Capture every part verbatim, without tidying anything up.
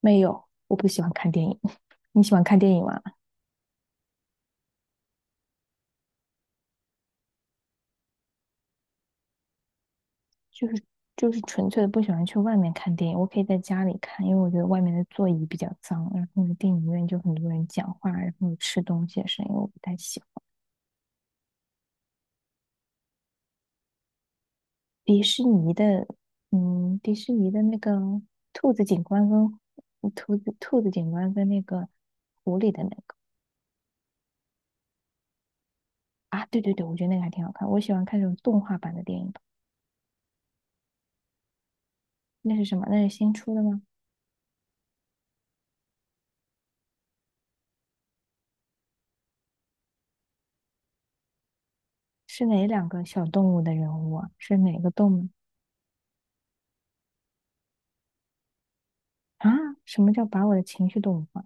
没有，我不喜欢看电影。你喜欢看电影吗？就是就是纯粹的不喜欢去外面看电影，我可以在家里看，因为我觉得外面的座椅比较脏，然后呢，电影院就很多人讲话，然后吃东西的声音我不太喜欢。迪士尼的，嗯，迪士尼的那个兔子警官跟嗯兔子兔子警官跟那个狐狸的那个啊，对对对，我觉得那个还挺好看，我喜欢看那种动画版的电影。那是什么？那是新出的吗？是哪两个小动物的人物啊？是哪个动物？啊，什么叫把我的情绪动物化？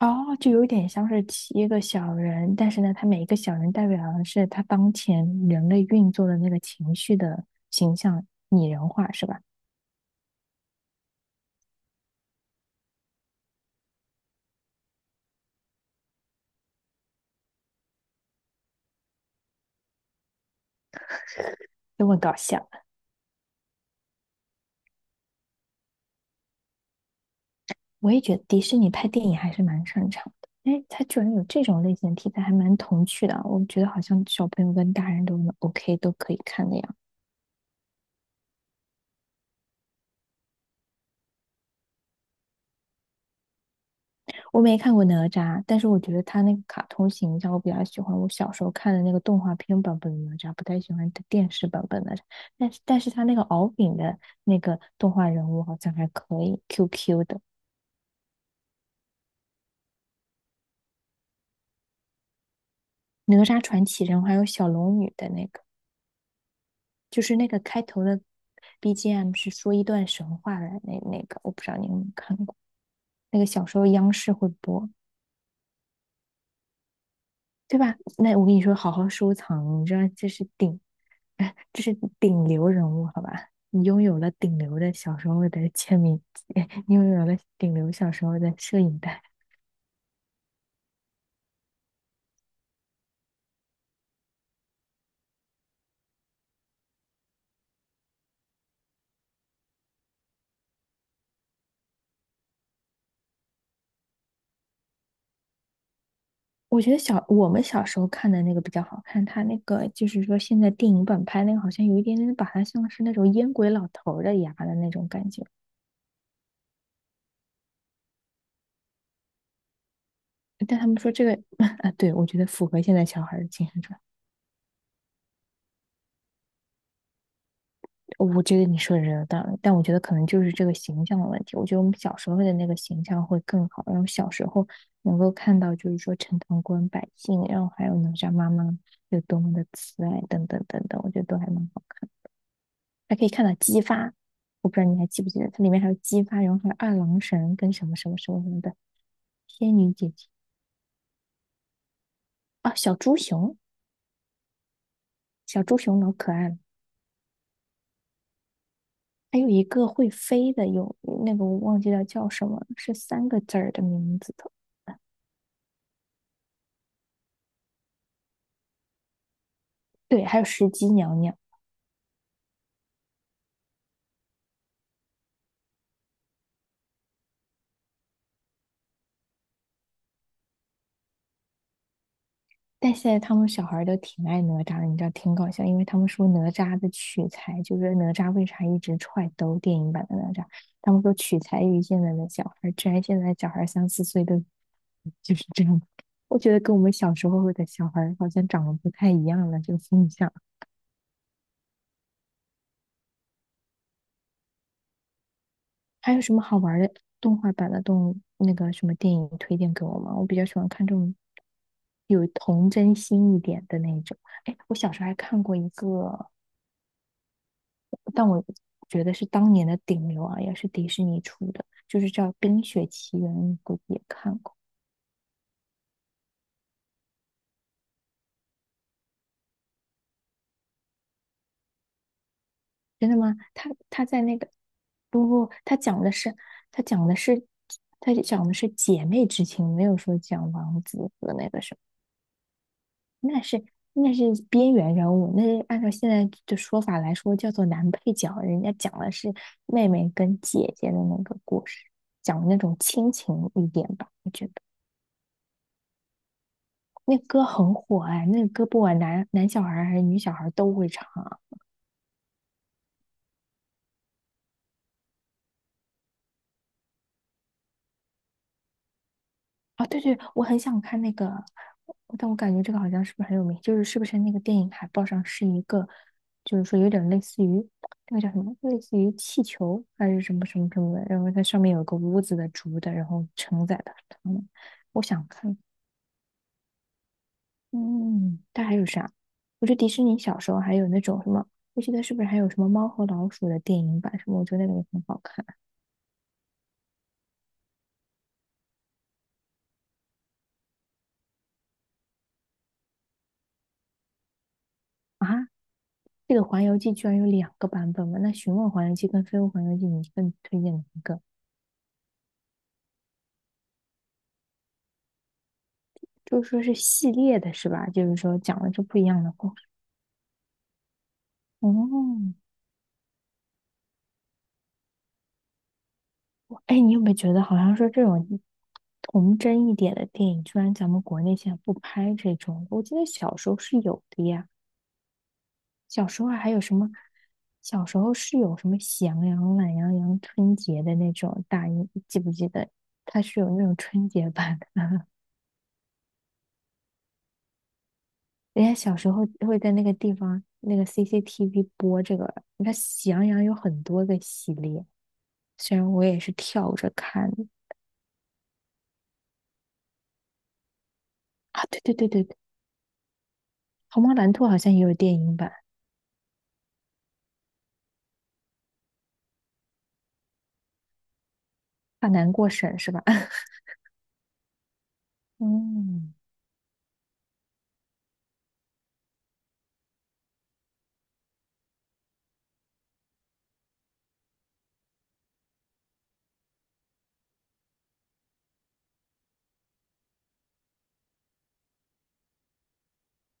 哦，就有点像是七个小人，但是呢，他每一个小人代表的是他当前人类运作的那个情绪的形象拟人化，是吧？就会搞笑。我也觉得迪士尼拍电影还是蛮擅长的。哎，他居然有这种类型的题材，还蛮童趣的啊。我觉得好像小朋友跟大人都能 OK 都可以看的呀。我没看过哪吒，但是我觉得他那个卡通形象我比较喜欢。我小时候看的那个动画片版本的哪吒，不太喜欢电视版本的哪吒。但是，但是他那个敖丙的那个动画人物好像还可以，Q Q 的哪吒传奇人物，还有小龙女的那个，就是那个开头的 B G M 是说一段神话的那那个，我不知道你有没有看过。那个小时候央视会播。对吧？那我跟你说，好好收藏，你知道这是顶，哎，这是顶流人物，好吧？你拥有了顶流的小时候的签名，你拥有了顶流小时候的摄影带。我觉得小我们小时候看的那个比较好看，他那个就是说现在电影版拍那个好像有一点点把他像是那种烟鬼老头儿的牙的那种感觉，但他们说这个 啊，对，我觉得符合现在小孩儿的精神状态。我觉得你说的是有道理，但我觉得可能就是这个形象的问题。我觉得我们小时候的那个形象会更好，然后小时候能够看到，就是说陈塘关百姓，然后还有哪吒妈妈有多么的慈爱，等等等等，我觉得都还蛮好看。还可以看到姬发，我不知道你还记不记得，它里面还有姬发，然后还有二郎神跟什么什么什么什么的仙女姐姐啊，小猪熊，小猪熊老可爱了。还有一个会飞的，有那个我忘记了叫什么了是三个字儿的名字的。对，还有石矶娘娘。但现在他们小孩儿都挺爱哪吒的，你知道挺搞笑，因为他们说哪吒的取材就是哪吒为啥一直踹兜电影版的哪吒，他们说取材于现在的小孩儿，居然现在小孩儿三四岁都就是这样。我觉得跟我们小时候的小孩儿好像长得不太一样了，这个风向。还有什么好玩儿的动画版的动那个什么电影推荐给我吗？我比较喜欢看这种有童真心一点的那种。哎，我小时候还看过一个。但我觉得是当年的顶流啊，也是迪士尼出的，就是叫《冰雪奇缘》，你估计也看过。真的吗？他他在那个不不，他讲的是他讲的是他讲的是姐妹之情，没有说讲王子和那个什么，那是那是边缘人物，那是按照现在的说法来说叫做男配角，人家讲的是妹妹跟姐姐的那个故事，讲那种亲情一点吧，我觉得。那歌很火哎，那个歌不管男男小孩儿还是女小孩儿都会唱啊。啊，对对，我很想看那个，但我感觉这个好像是不是很有名？就是是不是那个电影海报上是一个，就是说有点类似于那个叫什么，类似于气球还是什么什么什么的，然后它上面有个屋子的竹的，然后承载的他们我想看，嗯，它还有啥？我觉得迪士尼小时候还有那种什么，我记得是不是还有什么猫和老鼠的电影版什么？我觉得那个也很好看啊。啊这个《环游记》居然有两个版本嘛？那《寻梦环游记》跟《飞屋环游记》，你更推荐哪一个？就是说是系列的是吧？就是说讲的是不一样的故事。哦，哎，你有没有觉得好像说这种童真一点的电影，居然咱们国内现在不拍这种？我记得小时候是有的呀，小时候还有什么？小时候是有什么喜羊羊、懒羊羊春节的那种大英，记不记得？它是有那种春节版的。人家小时候会在那个地方那个 C C T V 播这个，你看《喜羊羊》有很多个系列，虽然我也是跳着看的啊，对对对对对，《虹猫蓝兔》好像也有电影版，怕难过审是吧？嗯，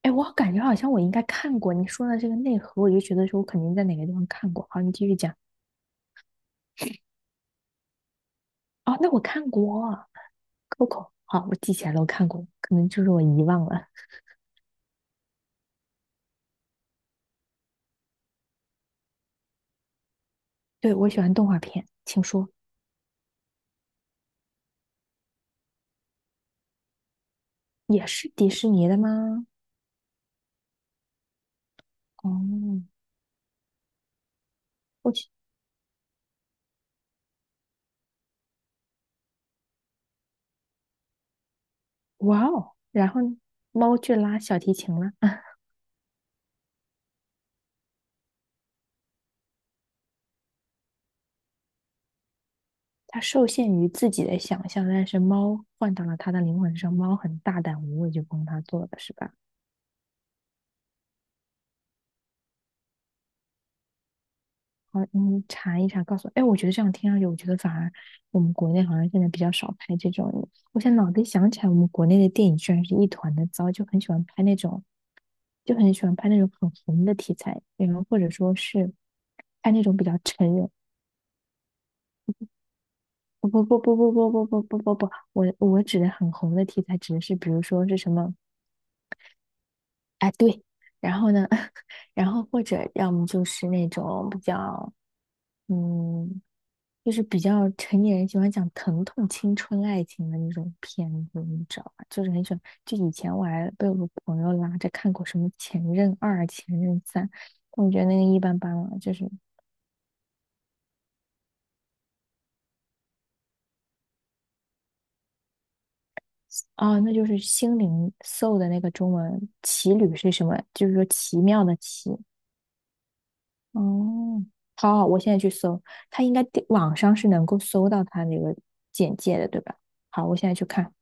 哎，我感觉好像我应该看过你说的这个内核，我就觉得说我肯定在哪个地方看过。好，你继续讲。哦，那我看过《Coco》，好，我记起来了，我看过，可能就是我遗忘了。对，我喜欢动画片，请说。也是迪士尼的吗？哦，我去，哇哦！然后呢猫去拉小提琴了。它受限于自己的想象，但是猫换到了它的灵魂上，猫很大胆无畏，就帮它做了，是吧？好，你查一查，告诉我。哎，我觉得这样听上去，我觉得反而我们国内好像现在比较少拍这种。我现在脑子里想起来，我们国内的电影居然是一团的糟，就很喜欢拍那种，就很喜欢拍那种很红的题材，然后或者说是拍那种比较成人不不不不不不不不不不不，我我指的很红的题材指的是，比如说是什么？哎，对，然后呢，然后或者要么就是那种比较，嗯，就是比较成年人喜欢讲疼痛、青春、爱情的那种片子，你知道吧？就是很喜欢。就以前我还被我朋友拉着看过什么《前任二》《前任三》，但我觉得那个一般般了，就是。哦，那就是心灵 soul 的那个中文"奇旅"是什么？就是说奇妙的"奇"。哦，好好，我现在去搜，它应该地网上是能够搜到它那个简介的，对吧？好，我现在去看。